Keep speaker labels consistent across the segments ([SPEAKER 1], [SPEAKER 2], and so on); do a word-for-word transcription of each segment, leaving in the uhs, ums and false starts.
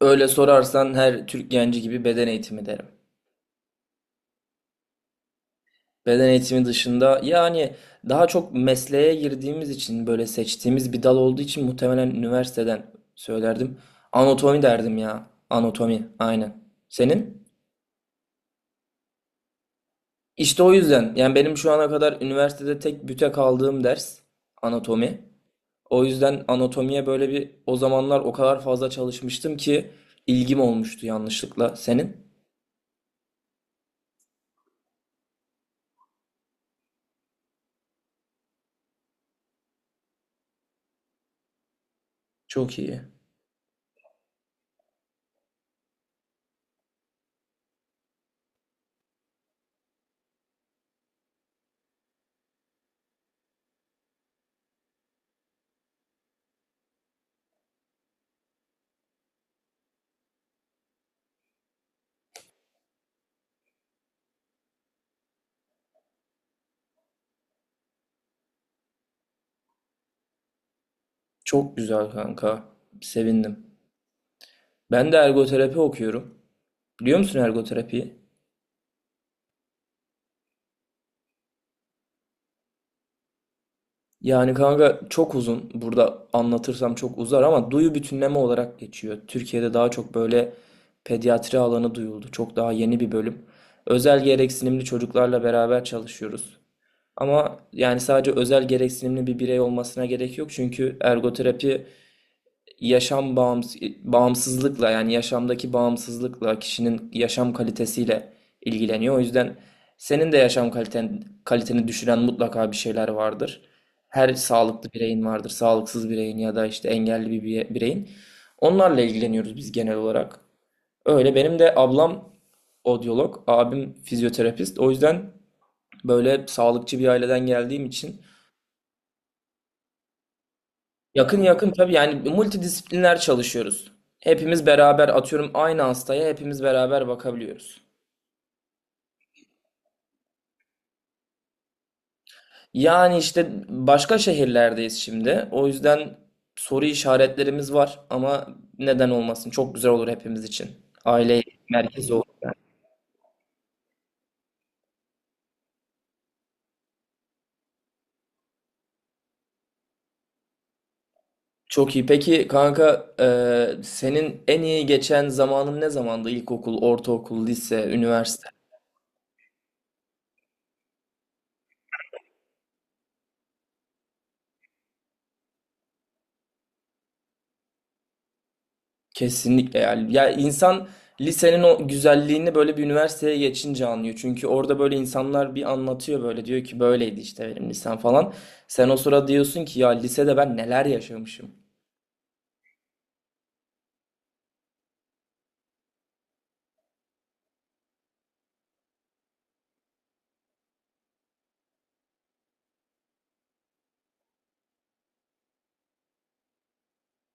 [SPEAKER 1] Öyle sorarsan her Türk genci gibi beden eğitimi derim. Beden eğitimi dışında yani daha çok mesleğe girdiğimiz için böyle seçtiğimiz bir dal olduğu için muhtemelen üniversiteden söylerdim. Anatomi derdim ya. Anatomi aynen. Senin? İşte o yüzden yani benim şu ana kadar üniversitede tek büte kaldığım ders anatomi. O yüzden anatomiye böyle bir o zamanlar o kadar fazla çalışmıştım ki ilgim olmuştu yanlışlıkla. Senin? Çok iyi. Çok güzel kanka. Sevindim. Ben de ergoterapi okuyorum. Biliyor musun ergoterapiyi? Yani kanka çok uzun. Burada anlatırsam çok uzar ama duyu bütünleme olarak geçiyor. Türkiye'de daha çok böyle pediatri alanı duyuldu. Çok daha yeni bir bölüm. Özel gereksinimli çocuklarla beraber çalışıyoruz. Ama yani sadece özel gereksinimli bir birey olmasına gerek yok. Çünkü ergoterapi yaşam bağımsız, bağımsızlıkla yani yaşamdaki bağımsızlıkla kişinin yaşam kalitesiyle ilgileniyor. O yüzden senin de yaşam kaliten, kaliteni düşüren mutlaka bir şeyler vardır. Her sağlıklı bireyin vardır, sağlıksız bireyin ya da işte engelli bir bire- bireyin. Onlarla ilgileniyoruz biz genel olarak. Öyle benim de ablam odyolog, abim fizyoterapist. O yüzden böyle sağlıkçı bir aileden geldiğim için. Yakın yakın tabii yani multidisipliner çalışıyoruz. Hepimiz beraber atıyorum aynı hastaya hepimiz beraber bakabiliyoruz. Yani işte başka şehirlerdeyiz şimdi. O yüzden soru işaretlerimiz var ama neden olmasın? Çok güzel olur hepimiz için. Aile merkezi olur, yani. Çok iyi. Peki kanka, e, senin en iyi geçen zamanın ne zamandı? İlkokul, ortaokul, lise, üniversite? Kesinlikle yani. Ya insan lisenin o güzelliğini böyle bir üniversiteye geçince anlıyor. Çünkü orada böyle insanlar bir anlatıyor böyle diyor ki böyleydi işte benim lisem falan. Sen o sırada diyorsun ki ya lisede ben neler yaşamışım.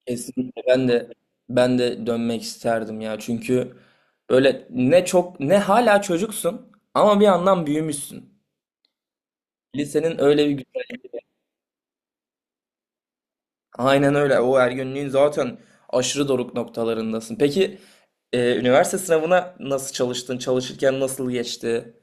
[SPEAKER 1] Kesinlikle ben de ben de dönmek isterdim ya. Çünkü böyle ne çok ne hala çocuksun ama bir yandan büyümüşsün. Lisenin öyle bir güzel. Aynen öyle. O ergenliğin zaten aşırı doruk noktalarındasın. Peki, Ee, üniversite sınavına nasıl çalıştın? Çalışırken nasıl geçti?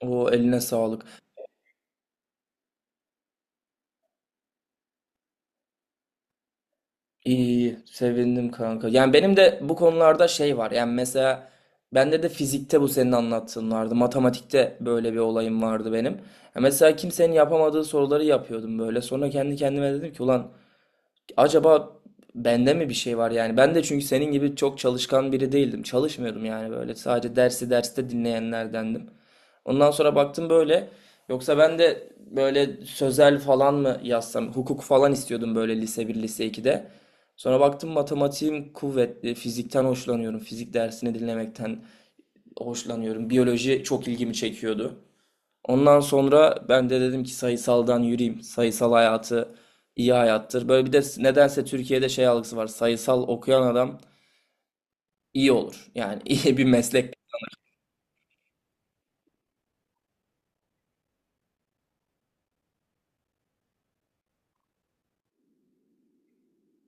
[SPEAKER 1] O eline sağlık. İyi, sevindim kanka. Yani benim de bu konularda şey var. Yani mesela bende de fizikte bu senin anlattığın vardı. Matematikte böyle bir olayım vardı benim. Ya mesela kimsenin yapamadığı soruları yapıyordum böyle. Sonra kendi kendime dedim ki ulan acaba bende mi bir şey var yani? Ben de çünkü senin gibi çok çalışkan biri değildim. Çalışmıyordum yani böyle. Sadece dersi derste dinleyenlerdendim. Ondan sonra baktım böyle. Yoksa ben de böyle sözel falan mı yazsam, hukuk falan istiyordum böyle lise bir lise ikide. Sonra baktım matematiğim kuvvetli, fizikten hoşlanıyorum, fizik dersini dinlemekten hoşlanıyorum. Biyoloji çok ilgimi çekiyordu. Ondan sonra ben de dedim ki sayısaldan yürüyeyim. Sayısal hayatı iyi hayattır. Böyle bir de nedense Türkiye'de şey algısı var. Sayısal okuyan adam iyi olur. Yani iyi bir meslek.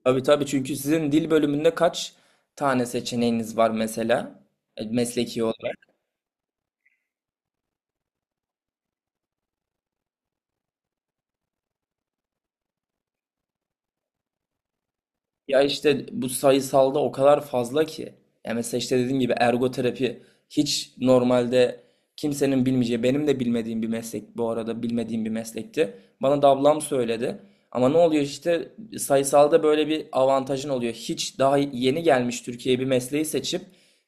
[SPEAKER 1] Tabii tabii, çünkü sizin dil bölümünde kaç tane seçeneğiniz var mesela? E, mesleki olarak? Ya işte bu sayısalda o kadar fazla ki. Ya mesela işte dediğim gibi ergoterapi hiç normalde kimsenin bilmeyeceği, benim de bilmediğim bir meslek, bu arada bilmediğim bir meslekti. Bana da ablam söyledi. Ama ne oluyor işte sayısalda böyle bir avantajın oluyor. Hiç daha yeni gelmiş Türkiye'ye bir mesleği seçip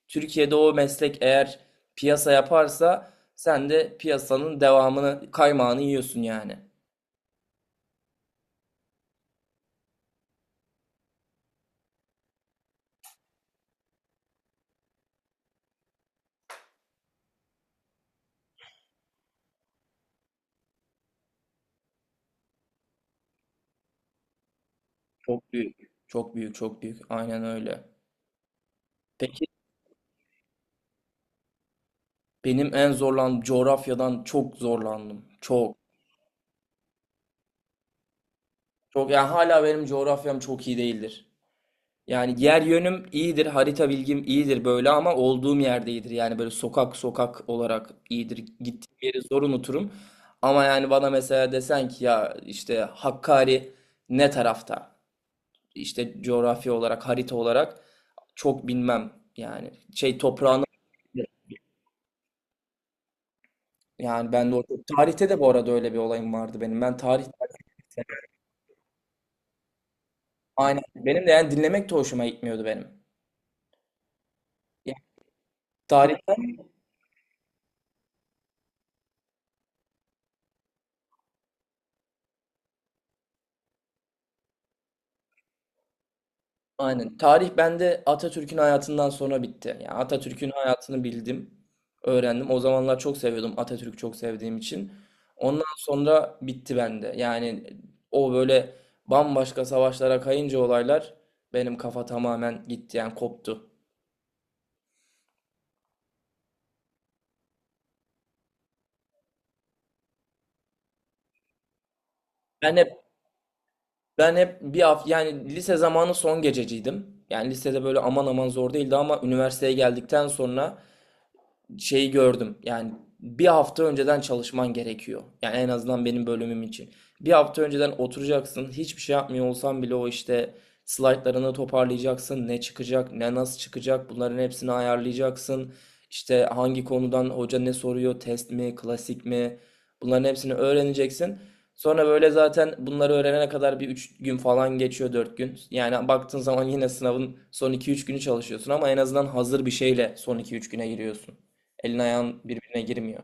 [SPEAKER 1] Türkiye'de o meslek eğer piyasa yaparsa sen de piyasanın devamını, kaymağını yiyorsun yani. Çok büyük. Çok büyük, çok büyük. Aynen öyle. Peki. Benim en zorlan coğrafyadan çok zorlandım. Çok. Çok yani hala benim coğrafyam çok iyi değildir. Yani yer yönüm iyidir, harita bilgim iyidir böyle ama olduğum yerde iyidir. Yani böyle sokak sokak olarak iyidir. Gittiğim yeri zor unuturum. Ama yani bana mesela desen ki ya işte Hakkari ne tarafta? İşte coğrafya olarak, harita olarak çok bilmem. Yani şey toprağını yani ben de o tarihte de bu arada öyle bir olayım vardı benim. Ben tarih. Aynen. Benim de yani dinlemek de hoşuma gitmiyordu benim. Yani tarihten aynen. Tarih bende Atatürk'ün hayatından sonra bitti. Yani Atatürk'ün hayatını bildim, öğrendim. O zamanlar çok seviyordum, Atatürk'ü çok sevdiğim için. Ondan sonra bitti bende. Yani o böyle bambaşka savaşlara kayınca olaylar, benim kafa tamamen gitti yani koptu. Ben hep ben hep bir hafta, yani lise zamanı son gececiydim. Yani lisede böyle aman aman zor değildi ama üniversiteye geldikten sonra şeyi gördüm. Yani bir hafta önceden çalışman gerekiyor. Yani en azından benim bölümüm için. Bir hafta önceden oturacaksın. Hiçbir şey yapmıyor olsan bile o işte slaytlarını toparlayacaksın. Ne çıkacak, ne nasıl çıkacak, bunların hepsini ayarlayacaksın. İşte hangi konudan hoca ne soruyor, test mi, klasik mi? Bunların hepsini öğreneceksin. Sonra böyle zaten bunları öğrenene kadar bir üç gün falan geçiyor, dört gün. Yani baktığın zaman yine sınavın son iki üç günü çalışıyorsun ama en azından hazır bir şeyle son iki üç güne giriyorsun. Elin ayağın birbirine girmiyor.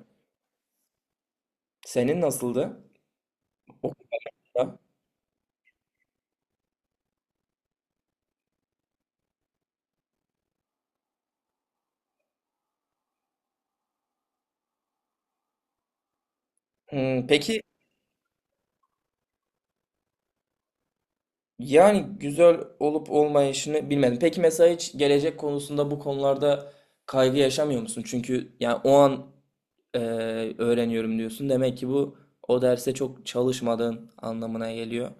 [SPEAKER 1] Senin nasıldı okulda? Hmm, peki, yani güzel olup olmayışını bilmedim. Peki mesela hiç gelecek konusunda, bu konularda kaygı yaşamıyor musun? Çünkü yani o an e, öğreniyorum diyorsun. Demek ki bu o derse çok çalışmadığın anlamına geliyor.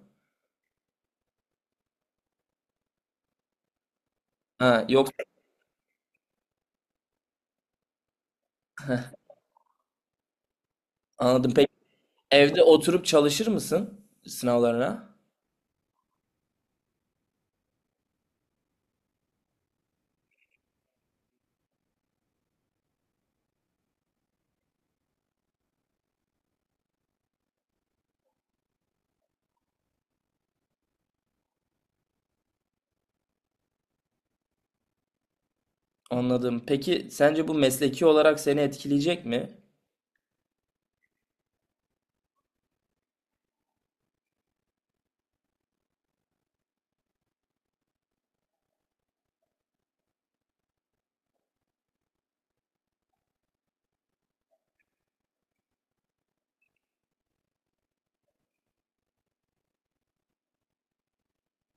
[SPEAKER 1] Ha, yok, anladım. Peki evde oturup çalışır mısın sınavlarına? Anladım. Peki sence bu mesleki olarak seni etkileyecek mi?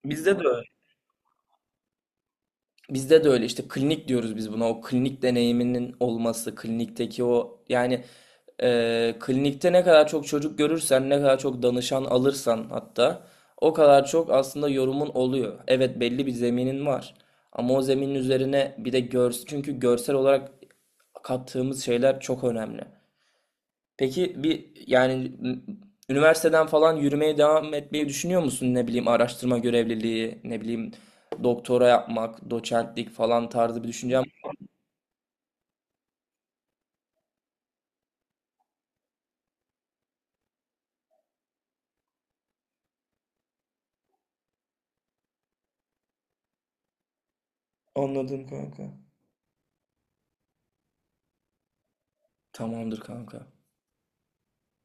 [SPEAKER 1] Bizde de öyle. Bizde de öyle, işte klinik diyoruz biz buna. O klinik deneyiminin olması, klinikteki o yani, e, klinikte ne kadar çok çocuk görürsen, ne kadar çok danışan alırsan hatta o kadar çok aslında yorumun oluyor. Evet, belli bir zeminin var. Ama o zeminin üzerine bir de görsel, çünkü görsel olarak kattığımız şeyler çok önemli. Peki bir yani üniversiteden falan yürümeye devam etmeyi düşünüyor musun? Ne bileyim araştırma görevliliği, ne bileyim doktora yapmak, doçentlik falan tarzı bir düşüncem. Anladım kanka. Tamamdır kanka.